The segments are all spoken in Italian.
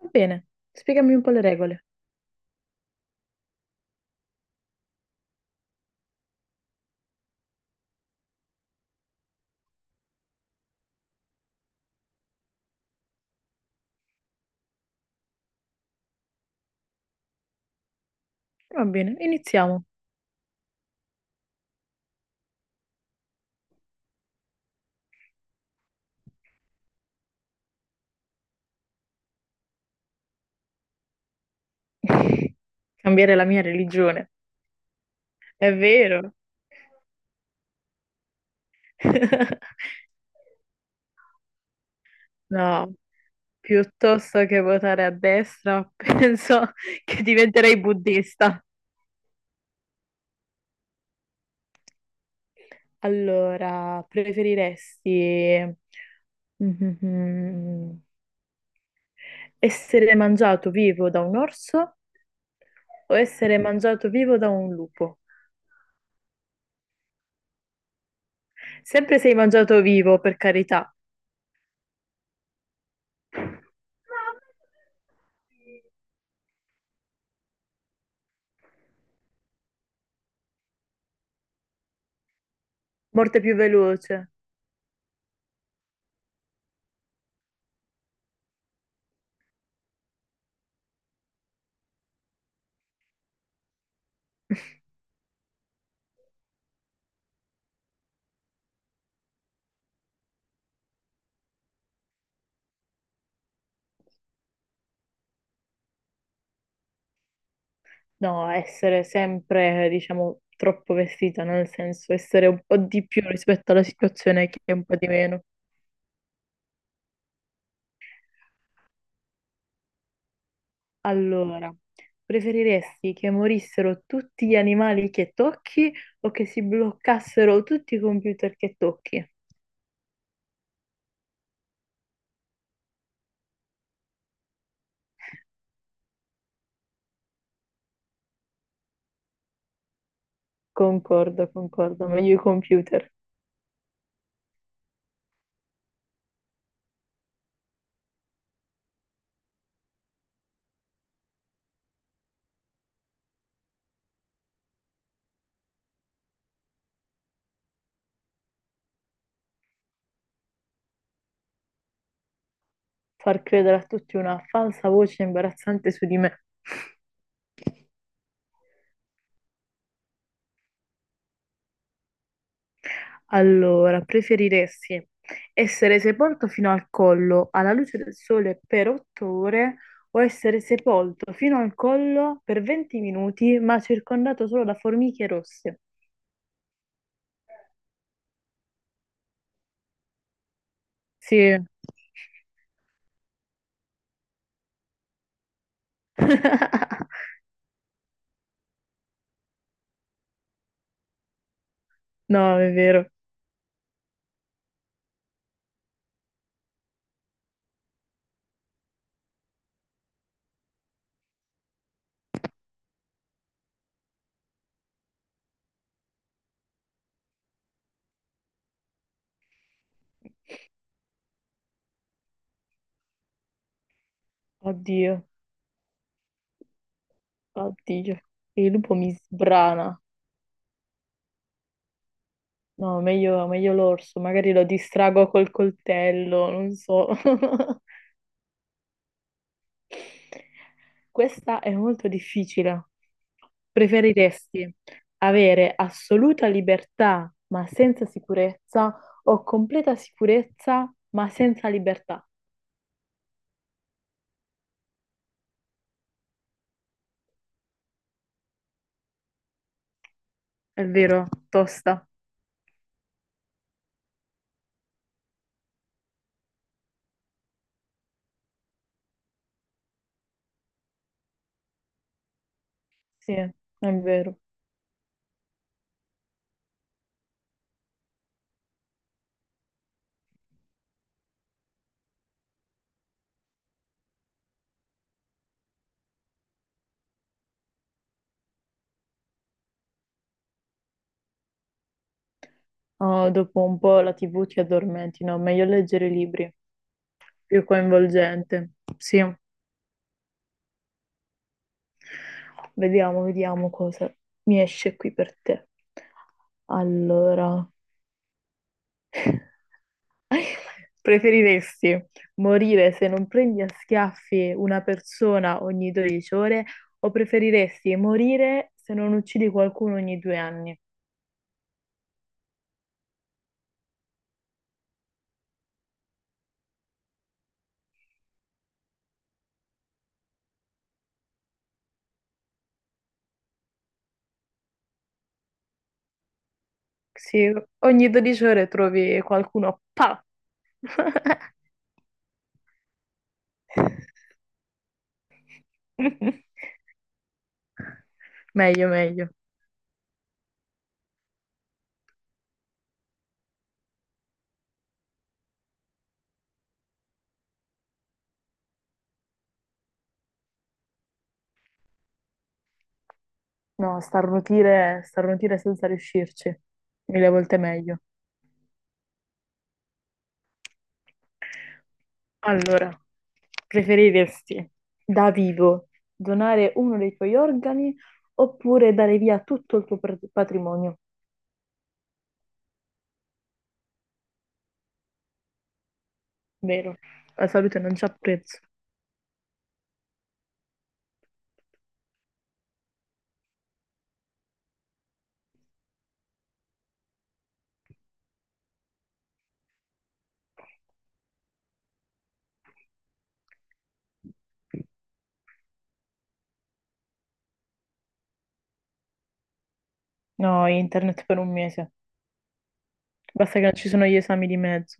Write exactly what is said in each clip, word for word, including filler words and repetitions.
Va bene, spiegami un po' le regole. Va bene, iniziamo. Cambiare la mia religione. È vero. No, piuttosto che votare a destra, penso che diventerei buddista. Allora, preferiresti Mhm. Essere mangiato vivo da un orso o essere mangiato vivo da un lupo? Sempre sei mangiato vivo, per carità. Morte più veloce. No, essere sempre, diciamo, troppo vestita, no? Nel senso essere un po' di più rispetto alla situazione che è un po' di meno. Allora, preferiresti che morissero tutti gli animali che tocchi o che si bloccassero tutti i computer che tocchi? Concordo, concordo, meglio i computer. Far credere a tutti una falsa voce imbarazzante su di me. Allora, preferiresti essere sepolto fino al collo alla luce del sole per otto ore o essere sepolto fino al collo per venti minuti ma circondato solo da formiche rosse? Sì. No, è vero. Oddio, oddio. Il lupo mi sbrana. No, meglio, meglio l'orso, magari lo distrago col coltello, non so. Questa è molto difficile. Preferiresti avere assoluta libertà ma senza sicurezza o completa sicurezza ma senza libertà? È vero, tosta. Sì, è vero. Oh, dopo un po' la T V ti addormenti, no? Meglio leggere i libri, più coinvolgente. Sì, vediamo, vediamo cosa mi esce qui per te. Allora. Preferiresti morire se non prendi a schiaffi una persona ogni dodici ore o preferiresti morire se non uccidi qualcuno ogni due anni? Sì, ogni dodici ore trovi qualcuno. Pa! Meglio, meglio. No, starnutire, starnutire senza riuscirci. Mille volte meglio. Allora, preferiresti da vivo donare uno dei tuoi organi oppure dare via tutto il tuo pr- patrimonio? Vero, la salute non c'ha prezzo. No, internet per un mese. Basta che non ci sono gli esami di mezzo.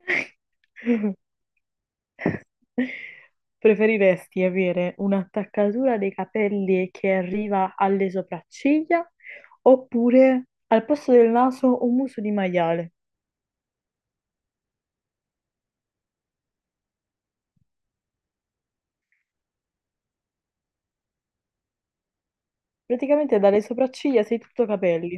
Preferiresti avere un'attaccatura dei capelli che arriva alle sopracciglia oppure al posto del naso un muso di maiale? Praticamente dalle sopracciglia sei tutto capelli.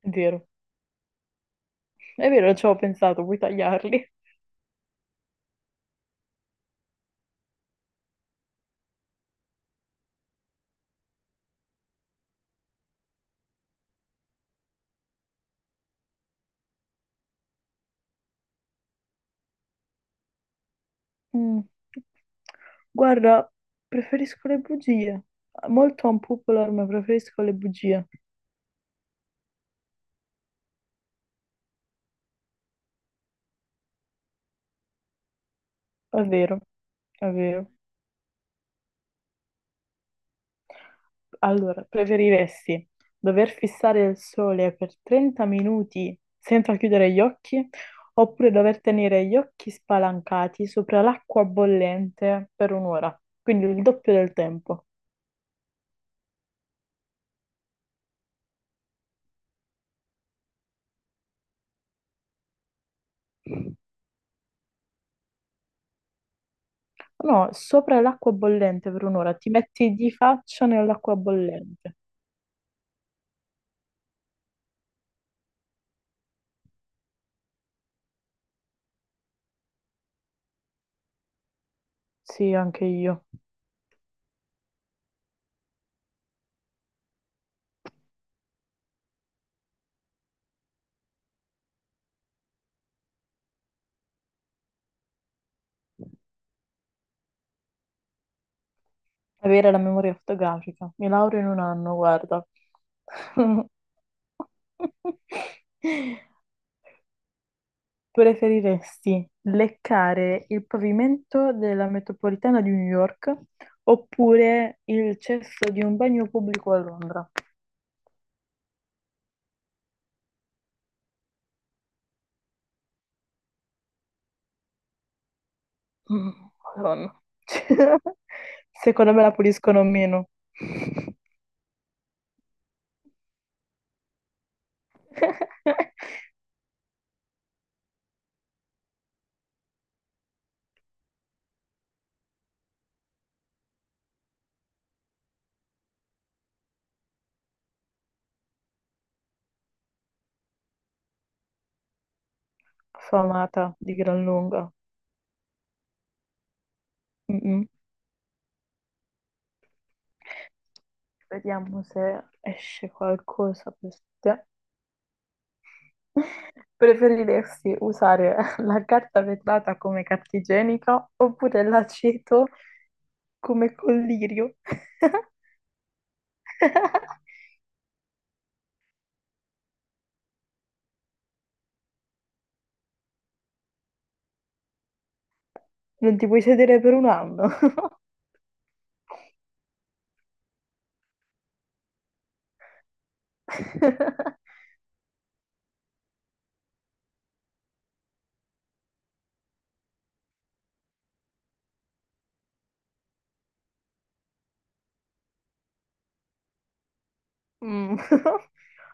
È vero, è vero, ci avevo pensato, puoi tagliarli. Mm. Guarda, preferisco le bugie. Molto unpopular, ma preferisco le bugie. È vero, è vero. Allora, preferiresti dover fissare il sole per trenta minuti senza chiudere gli occhi oppure dover tenere gli occhi spalancati sopra l'acqua bollente per un'ora, quindi il doppio del tempo. No, sopra l'acqua bollente per un'ora, ti metti di faccia nell'acqua bollente. Sì, anche io. Avere la memoria fotografica. Mi laureo in un anno, guarda. Preferiresti leccare il pavimento della metropolitana di New York oppure il cesso di un bagno pubblico a Londra? Mm, Madonna. Secondo me la puliscono meno. Famata di gran lunga. Mm-mm. Vediamo se esce qualcosa per te. Preferiresti usare la carta vetrata come carta igienica oppure l'aceto come collirio? Non ti puoi sedere per un anno. Mm.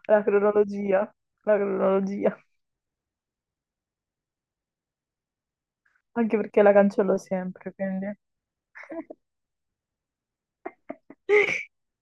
La cronologia, la cronologia, anche perché la cancello sempre, quindi.